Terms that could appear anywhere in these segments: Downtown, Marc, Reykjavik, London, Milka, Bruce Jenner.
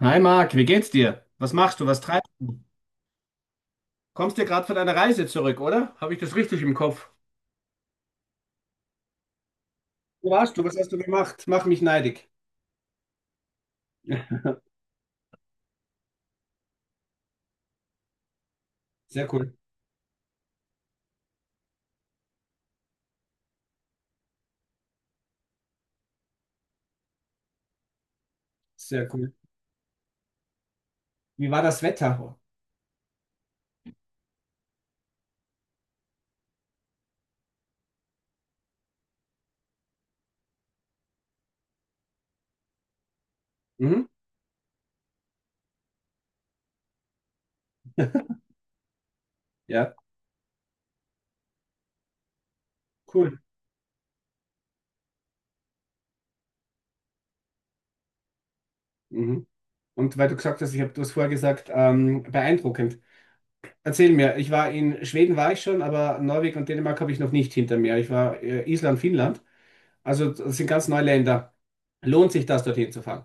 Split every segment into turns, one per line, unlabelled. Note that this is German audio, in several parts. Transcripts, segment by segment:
Hi Marc, wie geht's dir? Was machst du? Was treibst du? Kommst dir gerade von deiner Reise zurück, oder? Habe ich das richtig im Kopf? Wo warst du? Was hast du gemacht? Mach mich neidig. Sehr cool, sehr cool. Wie war das Wetter? Mhm. Ja, cool. Mhm. Und weil du gesagt hast, ich habe das vorher gesagt, beeindruckend. Erzähl mir, ich war in Schweden, war ich schon, aber Norwegen und Dänemark habe ich noch nicht hinter mir. Ich war Island, Finnland, also das sind ganz neue Länder. Lohnt sich das, dorthin zu fahren?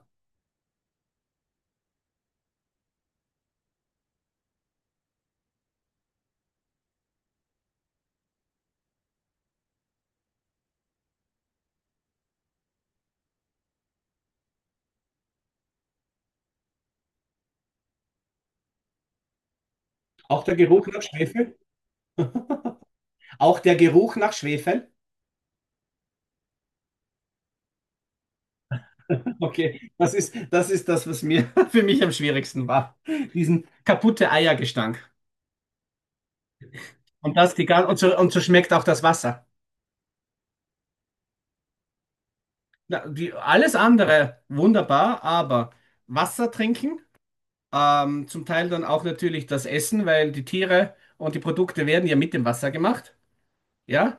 Auch der Geruch nach Schwefel? Auch der Geruch nach Schwefel? Okay, das ist das, was mir für mich am schwierigsten war. Diesen kaputte Eiergestank. Und so schmeckt auch das Wasser. Na, alles andere wunderbar, aber Wasser trinken, zum Teil dann auch natürlich das Essen, weil die Tiere und die Produkte werden ja mit dem Wasser gemacht. Ja?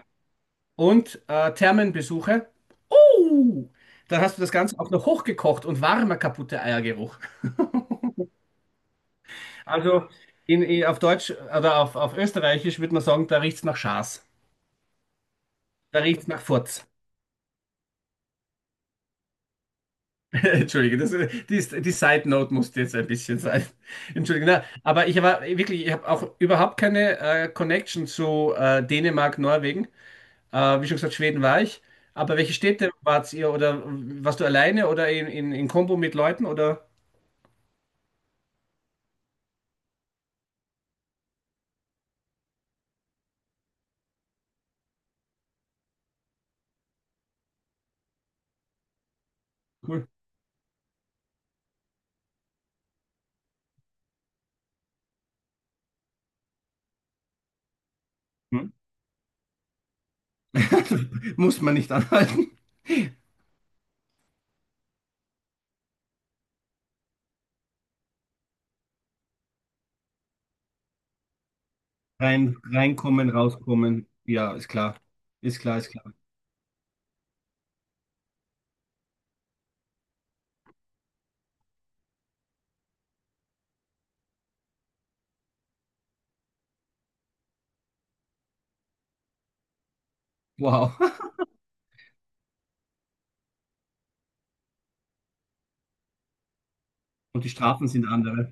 Und Thermenbesuche. Uh, dann hast du das Ganze auch noch hochgekocht und warmer kaputte Eiergeruch. Also auf Deutsch oder auf Österreichisch würde man sagen, da riecht's nach Schaß. Da riecht's nach Furz. Entschuldige, die Side Note musste jetzt ein bisschen sein. Entschuldige, na, aber ich war wirklich, ich habe auch überhaupt keine Connection zu Dänemark, Norwegen. Wie schon gesagt, Schweden war ich. Aber welche Städte wart ihr oder warst du alleine oder in Kombo mit Leuten oder? Cool. Hm? Muss man nicht anhalten. Reinkommen, rauskommen. Ja, ist klar. Ist klar, ist klar. Wow. Und die Strafen sind andere.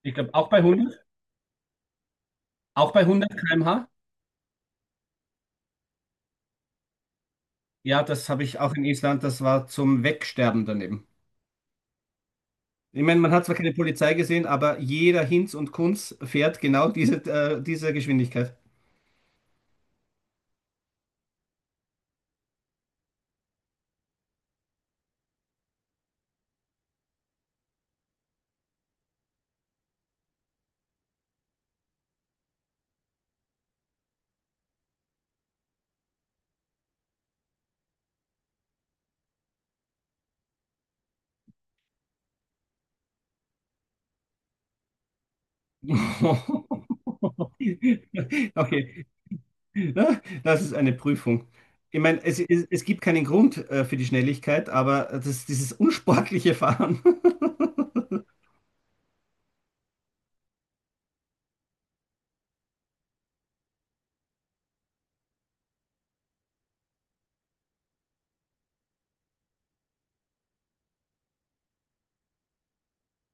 Ich glaube, auch bei 100, auch bei 100 km/h. Ja, das habe ich auch in Island. Das war zum Wegsterben daneben. Ich meine, man hat zwar keine Polizei gesehen, aber jeder Hinz und Kunz fährt genau diese Geschwindigkeit. Okay, Ne? Das ist eine Prüfung. Ich meine, es gibt keinen Grund für die Schnelligkeit, aber dieses unsportliche Fahren.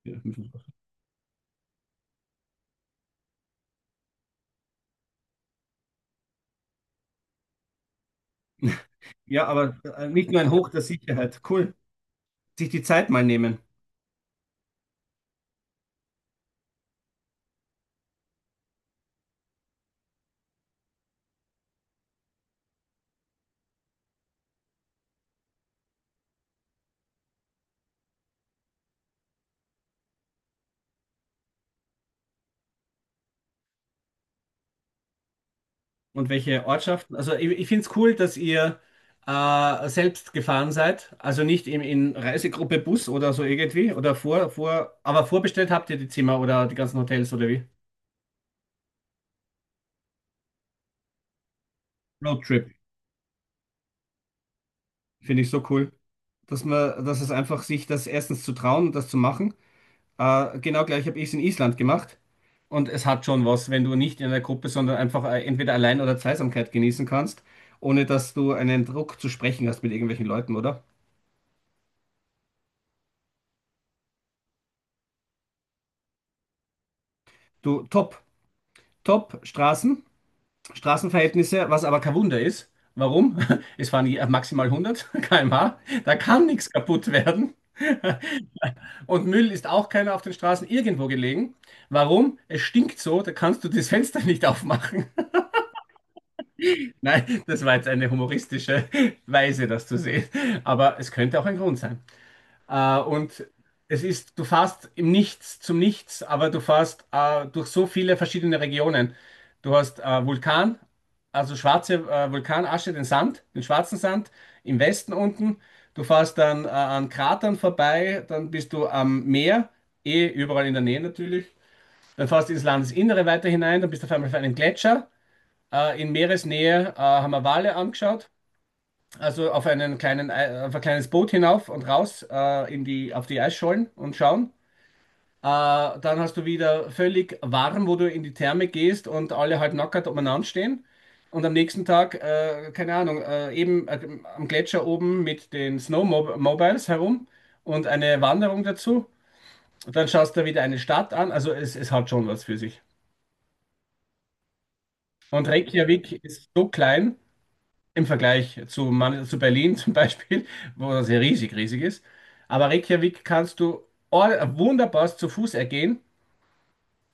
Ja, Ja, aber nicht nur ein Hoch der Sicherheit. Cool. Sich die Zeit mal nehmen. Und welche Ortschaften? Also ich finde es cool, dass ihr selbst gefahren seid. Also nicht in Reisegruppe Bus oder so irgendwie. Oder aber vorbestellt habt ihr die Zimmer oder die ganzen Hotels oder wie? Roadtrip. Finde ich so cool. Dass es einfach sich das erstens zu trauen und das zu machen. Genau gleich habe ich es in Island gemacht. Und es hat schon was, wenn du nicht in einer Gruppe, sondern einfach entweder allein oder Zweisamkeit genießen kannst, ohne dass du einen Druck zu sprechen hast mit irgendwelchen Leuten, oder? Du, top, top Straßen, Straßenverhältnisse, was aber kein Wunder ist. Warum? Es fahren maximal 100 km/h, da kann nichts kaputt werden. Und Müll ist auch keiner auf den Straßen irgendwo gelegen. Warum? Es stinkt so, da kannst du das Fenster nicht aufmachen. Nein, das war jetzt eine humoristische Weise, das zu sehen. Aber es könnte auch ein Grund sein. Und du fährst im Nichts zum Nichts, aber du fährst durch so viele verschiedene Regionen. Du hast Vulkan, also schwarze Vulkanasche, den Sand, den schwarzen Sand im Westen unten. Du fährst dann an Kratern vorbei, dann bist du am Meer, eh überall in der Nähe natürlich. Dann fährst du ins Landesinnere weiter hinein, dann bist du auf einmal auf einem Gletscher. In Meeresnähe haben wir Wale angeschaut, also auf ein kleines Boot hinauf und raus auf die Eisschollen und schauen. Äh, dann hast du wieder völlig warm, wo du in die Therme gehst und alle halt nackert umeinander stehen. Und am nächsten Tag, keine Ahnung, eben am Gletscher oben mit den Snowmobiles herum und eine Wanderung dazu. Und dann schaust du wieder eine Stadt an. Also es hat schon was für sich. Und Reykjavik ist so klein im Vergleich zu Berlin zum Beispiel, wo das ja riesig, riesig ist. Aber Reykjavik kannst du wunderbar zu Fuß ergehen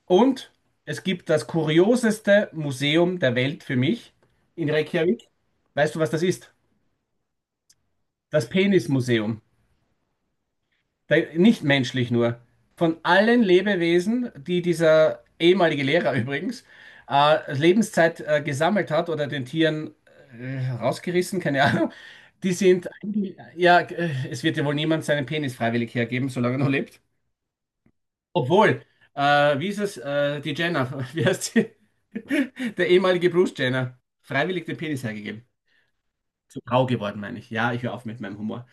und es gibt das kurioseste Museum der Welt für mich in Reykjavik. Weißt du, was das ist? Das Penismuseum. Der, nicht menschlich nur. Von allen Lebewesen, die dieser ehemalige Lehrer übrigens Lebenszeit gesammelt hat oder den Tieren rausgerissen, keine Ahnung, ja, es wird ja wohl niemand seinen Penis freiwillig hergeben, solange er noch lebt. Obwohl, wie ist es, die Jenner, wie heißt sie? Der ehemalige Bruce Jenner, freiwillig den Penis hergegeben zu grau geworden, meine ich. Ja, ich höre auf mit meinem Humor.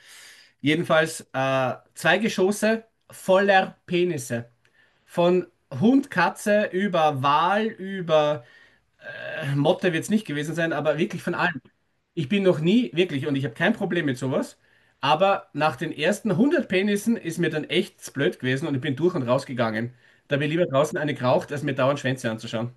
Jedenfalls zwei Geschosse voller Penisse. Von Hund, Katze über Wal, über Motte wird es nicht gewesen sein, aber wirklich von allem. Ich bin noch nie, wirklich, und ich habe kein Problem mit sowas, aber nach den ersten 100 Penissen ist mir dann echt blöd gewesen und ich bin durch und rausgegangen. Da habe ich lieber draußen eine geraucht, als mir dauernd Schwänze anzuschauen.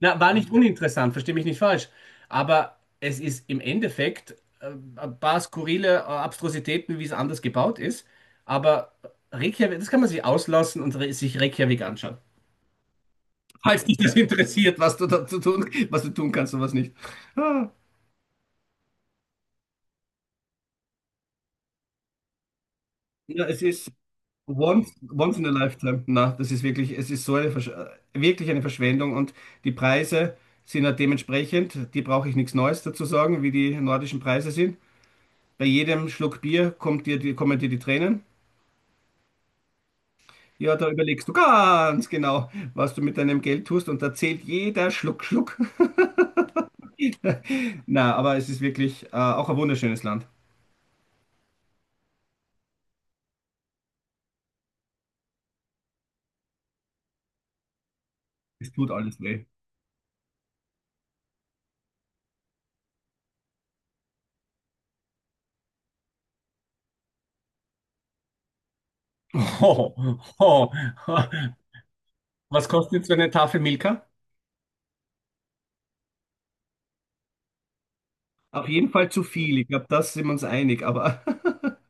Na, war nicht uninteressant, verstehe mich nicht falsch. Aber es ist im Endeffekt ein paar skurrile Abstrusitäten, wie es anders gebaut ist. Aber Reykjavik, das kann man sich auslassen und re sich Reykjavik anschauen. Falls dich das interessiert, was du tun kannst und was nicht. Ah, ja, es ist once, once in a lifetime. Na, das ist wirklich, es ist so eine, Versch wirklich eine Verschwendung und die Preise sind ja dementsprechend, die brauche ich nichts Neues dazu sagen, wie die nordischen Preise sind. Bei jedem Schluck Bier kommen dir die Tränen. Ja, da überlegst du ganz genau, was du mit deinem Geld tust und da zählt jeder Schluck, Schluck. Na, aber es ist wirklich auch ein wunderschönes Land. Es tut alles weh. Oh, oh. Was kostet jetzt so eine Tafel Milka? Auf jeden Fall zu viel. Ich glaube, da sind wir uns einig, aber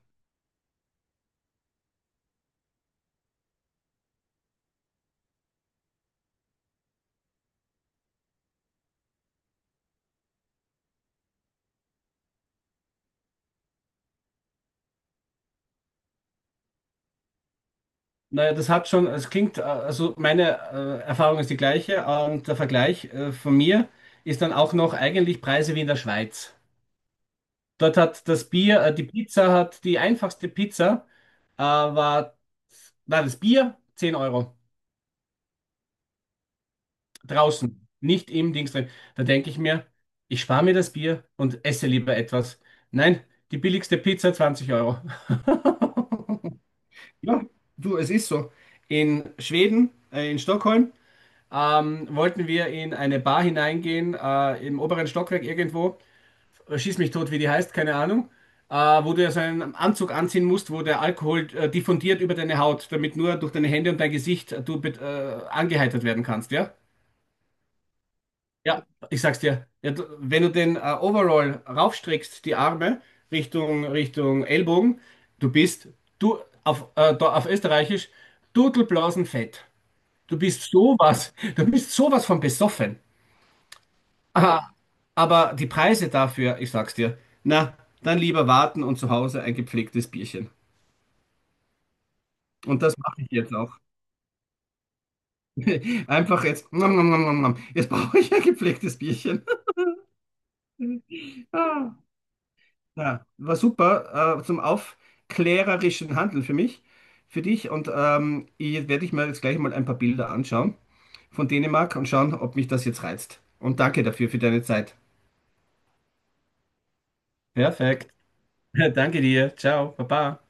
Naja, das hat schon, es klingt, also meine Erfahrung ist die gleiche und der Vergleich von mir ist dann auch noch eigentlich Preise wie in der Schweiz. Dort hat das Bier, die Pizza hat die einfachste Pizza, äh, war, war das Bier 10 Euro draußen, nicht im Dings drin. Da denke ich mir, ich spare mir das Bier und esse lieber etwas. Nein, die billigste Pizza 20 Euro. Ja, du, es ist so. In Schweden, in Stockholm, wollten wir in eine Bar hineingehen, im oberen Stockwerk irgendwo. Schieß mich tot, wie die heißt, keine Ahnung, wo du ja so einen Anzug anziehen musst, wo der Alkohol diffundiert über deine Haut, damit nur durch deine Hände und dein Gesicht angeheitert werden kannst, ja? Ja, ich sag's dir. Ja, du, wenn du den Overall raufstreckst, die Arme Richtung Ellbogen, du bist, du, auf, da, auf Österreichisch, Dudelblasenfett. Du bist sowas, du bist sowas von besoffen. Aha, aber die Preise dafür, ich sag's dir, na, dann lieber warten und zu Hause ein gepflegtes Bierchen. Und das mache ich jetzt auch. Einfach jetzt. Nom, nom, nom, nom, nom. Jetzt brauche ich ein gepflegtes Bierchen. Ja, war super, zum aufklärerischen Handeln für mich, für dich. Und ich werde ich mir jetzt gleich mal ein paar Bilder anschauen von Dänemark und schauen, ob mich das jetzt reizt. Und danke dafür für deine Zeit. Perfekt. Danke dir. Ciao. Baba.